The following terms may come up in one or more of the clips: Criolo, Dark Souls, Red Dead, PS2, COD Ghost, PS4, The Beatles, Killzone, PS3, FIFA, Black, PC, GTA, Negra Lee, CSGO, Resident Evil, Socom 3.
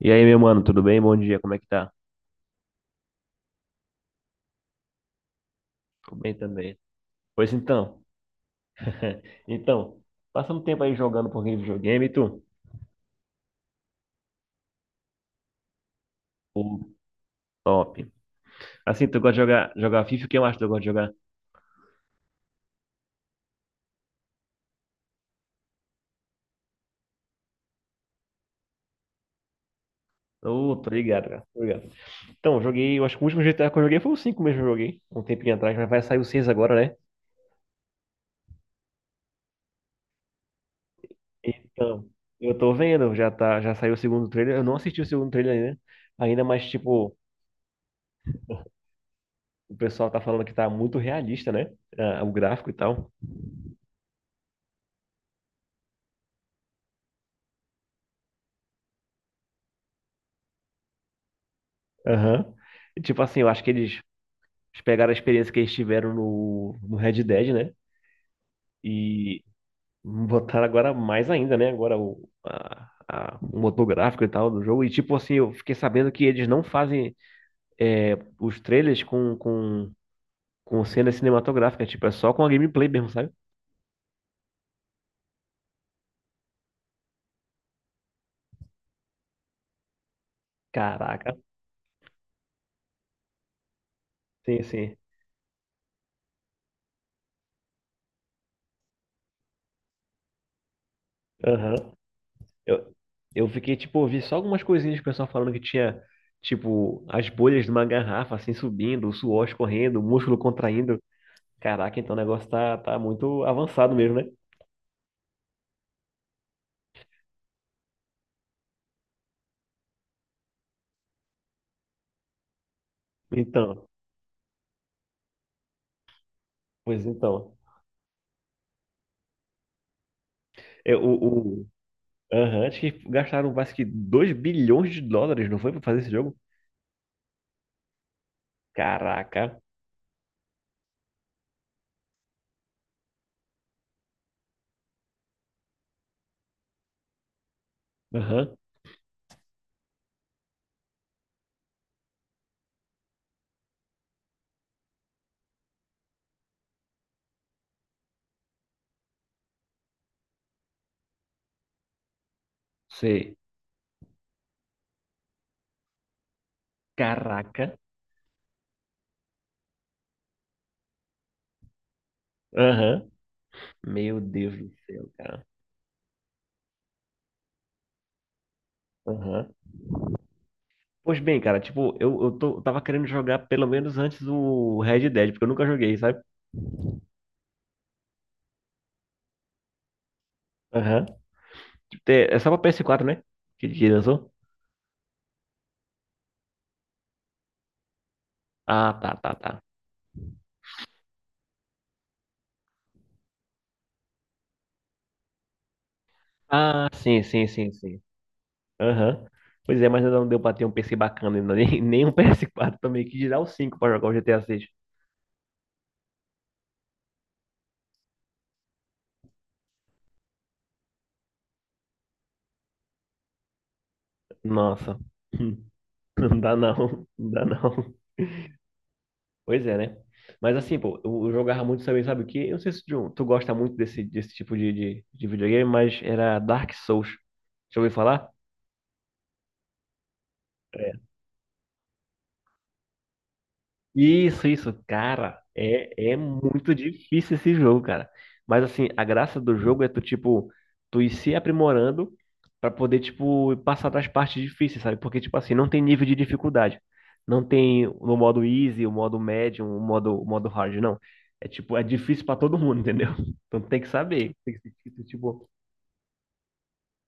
E aí, meu mano, tudo bem? Bom dia, como é que tá? Tudo bem também. Pois então. Então, passando tempo aí jogando um pouquinho de videogame, e tu? Pô, top. Assim, tu gosta de jogar FIFA? O que mais tu gosta de jogar? Ô, tô ligado, cara. Tô ligado. Então, eu acho que o último GTA que eu joguei foi o 5 mesmo que eu joguei, um tempinho atrás, mas vai sair o 6 agora, né? Então, eu tô vendo, já saiu o segundo trailer. Eu não assisti o segundo trailer ainda, mas tipo, o pessoal tá falando que tá muito realista, né? Ah, o gráfico e tal. Aham. E, tipo assim, eu acho que eles pegaram a experiência que eles tiveram no Red Dead, né? E botaram agora mais ainda, né? Agora o motor gráfico e tal do jogo. E tipo assim, eu fiquei sabendo que eles não fazem os trailers com cena cinematográfica. Tipo, é só com a gameplay mesmo, sabe? Caraca. Sim, sim. Aham. Eu, eu fiquei, tipo, eu vi só algumas coisinhas do pessoal falando que tinha, tipo, as bolhas de uma garrafa, assim, subindo, o suor escorrendo, o músculo contraindo. Caraca, então o negócio tá muito avançado mesmo, né? Então, pois então. É, aham, acho que gastaram quase que 2 bilhões de dólares, não foi, pra fazer esse jogo? Caraca. Aham, sei. Caraca. Aham. Meu Deus do céu, cara. Aham. Pois bem, cara, tipo, eu tava querendo jogar pelo menos antes o Red Dead, porque eu nunca joguei, sabe? Aham. É só pra PS4, né? Que lançou? Ah, tá, tá, tá. Ah, sim, sim, sim, sim. Aham. Pois é, mas ainda não deu pra ter um PC bacana ainda, nem, nem um PS4 também, que dirá o 5 pra jogar o GTA 6. Nossa, Hum. Não dá não, não dá não. Pois é, né? Mas assim, pô, eu jogava muito também, sabe o quê? Eu não sei se tu gosta muito desse tipo de videogame, mas era Dark Souls. Já ouviu falar? Isso, cara, é muito difícil esse jogo, cara. Mas assim, a graça do jogo é tu, tipo, tu ir se aprimorando pra poder, tipo, passar das partes difíceis, sabe? Porque, tipo assim, não tem nível de dificuldade. Não tem no modo easy, o modo médium, o modo hard, não. É tipo, é difícil pra todo mundo, entendeu? Então tem que saber, tem que, tipo,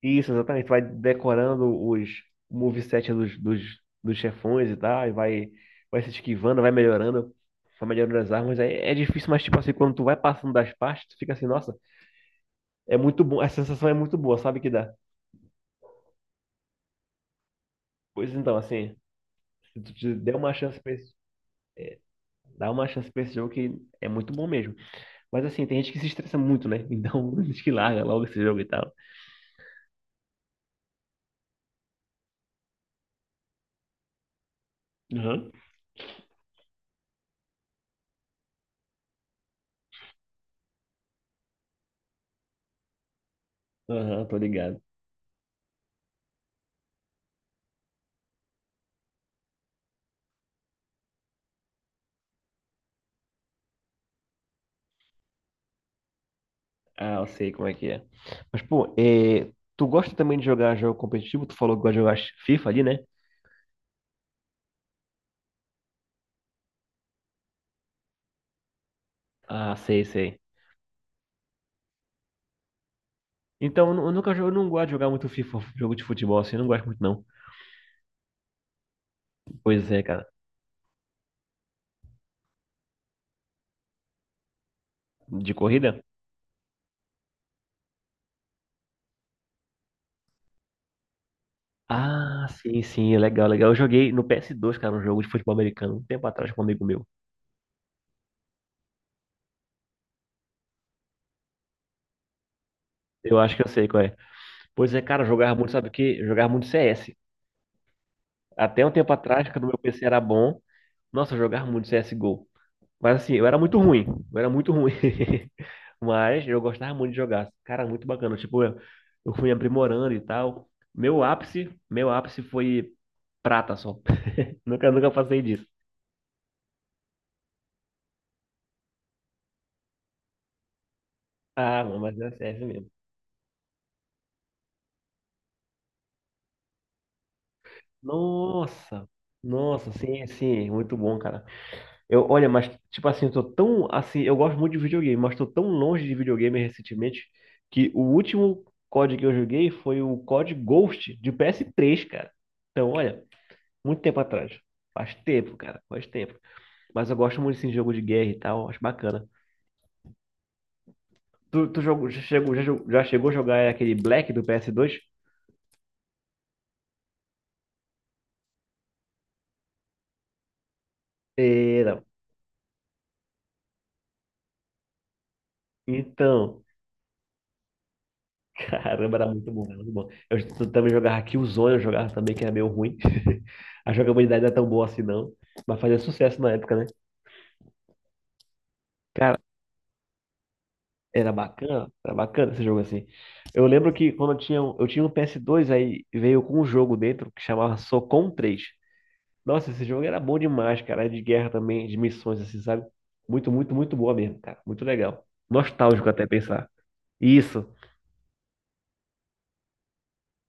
isso, exatamente. Vai decorando os moveset dos chefões e tal, e vai se esquivando, vai melhorando as armas. É difícil, mas tipo assim, quando tu vai passando das partes, tu fica assim, nossa, é muito bom, a sensação é muito boa, sabe que dá. Pois então, assim, se tu te der uma chance pra esse, dá uma chance pra esse jogo que é muito bom mesmo. Mas assim, tem gente que se estressa muito, né? Então, diz que larga logo esse jogo e tal. Aham. Aham, tô ligado. Ah, eu sei como é que é. Mas, pô, tu gosta também de jogar jogo competitivo? Tu falou que gosta de jogar FIFA ali, né? Ah, sei, sei. Então, eu nunca jogo, eu não gosto de jogar muito FIFA, jogo de futebol, assim, eu não gosto muito, não. Pois é, cara. De corrida? Ah, sim, sim, é legal, legal. Eu joguei no PS2, cara, um jogo de futebol americano, um tempo atrás com um amigo meu. Eu acho que eu sei qual é. Pois é, cara, eu jogava muito, sabe o quê? Eu jogava muito CS. Até um tempo atrás, quando meu PC era bom, nossa, eu jogava muito CSGO. Mas assim, eu era muito ruim. Eu era muito ruim. Mas eu gostava muito de jogar. Cara, muito bacana. Tipo, eu fui aprimorando e tal. Meu ápice foi prata só. Nunca, nunca passei disso. Ah, mano, mas é sério mesmo. Nossa! Nossa, sim, sim, muito bom, cara. Eu, olha, mas tipo assim, eu tô tão assim, eu gosto muito de videogame, mas tô tão longe de videogame recentemente que o último COD que eu joguei foi o COD Ghost de PS3 cara. Então, olha, muito tempo atrás. Faz tempo, cara. Faz tempo. Mas eu gosto muito assim, de jogo de guerra e tal. Acho bacana. Tu jogou, já, chegou, já, jogou- já chegou a jogar aquele Black do PS2? É, não. Então, caramba, era muito bom, era muito bom. Eu também jogava Killzone, eu jogava também, que era meio ruim. A jogabilidade não é tão boa assim, não. Mas fazia sucesso na época, né? Cara, era bacana esse jogo assim. Eu lembro que quando eu tinha um PS2, aí veio com um jogo dentro que chamava Socom 3. Nossa, esse jogo era bom demais, cara. Era de guerra também, de missões, assim, sabe? Muito, muito, muito boa mesmo, cara. Muito legal. Nostálgico até pensar. Isso.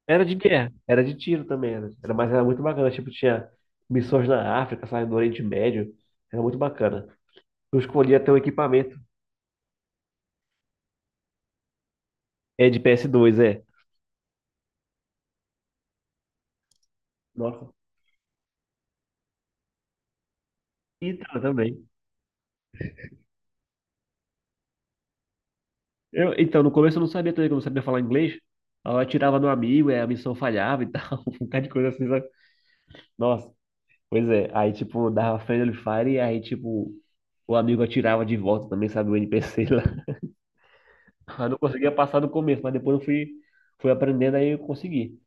Era de guerra, era de tiro também, mas era muito bacana. Tipo, tinha missões na África, sabe? No Oriente Médio. Era muito bacana. Eu escolhi até o equipamento. É de PS2, é. Nossa. Então, também. Eu, então, no começo eu não sabia também, que eu não sabia falar inglês. Aí eu atirava no amigo, aí a missão falhava e tal. Um bocado de coisa assim, sabe? Nossa, pois é, aí tipo, dava friendly fire e aí tipo, o amigo atirava de volta também, sabe, o NPC lá. Eu não conseguia passar no começo, mas depois eu fui aprendendo, aí eu consegui.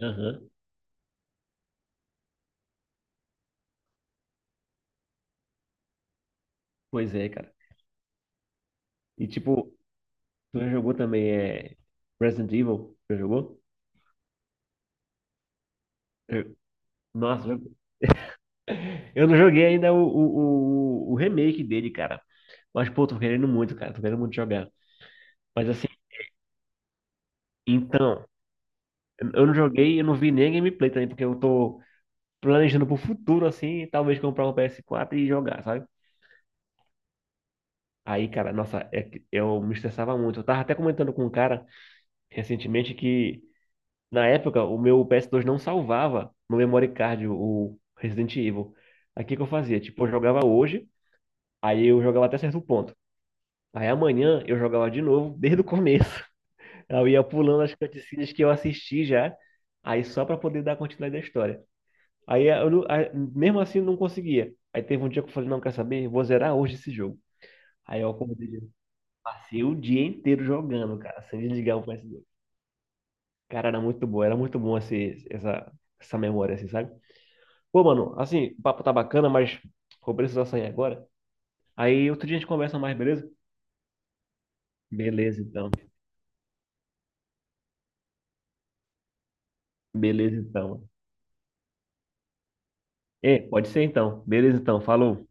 Aham. Pois é, cara. E tipo, tu já jogou também Resident Evil? Já jogou? Eu- Nossa, eu eu não joguei ainda o remake dele, cara. Mas, pô, tô querendo muito, cara. Tô querendo muito jogar. Mas assim, então, eu não joguei, eu não vi nem a gameplay também, porque eu tô planejando pro futuro, assim, talvez comprar um PS4 e jogar, sabe? Aí, cara, nossa, é que eu me estressava muito. Eu tava até comentando com um cara recentemente que, na época, o meu PS2 não salvava no memory card o Resident Evil. Aí, o que que eu fazia? Tipo, eu jogava hoje, aí eu jogava até certo ponto. Aí, amanhã, eu jogava de novo, desde o começo. Eu ia pulando as cutscenes que eu assisti já, aí só pra poder dar continuidade à história. Aí, mesmo assim eu não conseguia. Aí teve um dia que eu falei, não, quer saber? Vou zerar hoje esse jogo. Aí eu acordei, passei o dia inteiro jogando, cara, sem desligar o PS2. Cara, era muito bom essa memória, assim, sabe? Pô, mano, assim, o papo tá bacana, mas vou precisar sair agora. Aí outro dia a gente conversa mais, beleza? Beleza, então. Beleza, então. É, pode ser então. Beleza, então. Falou.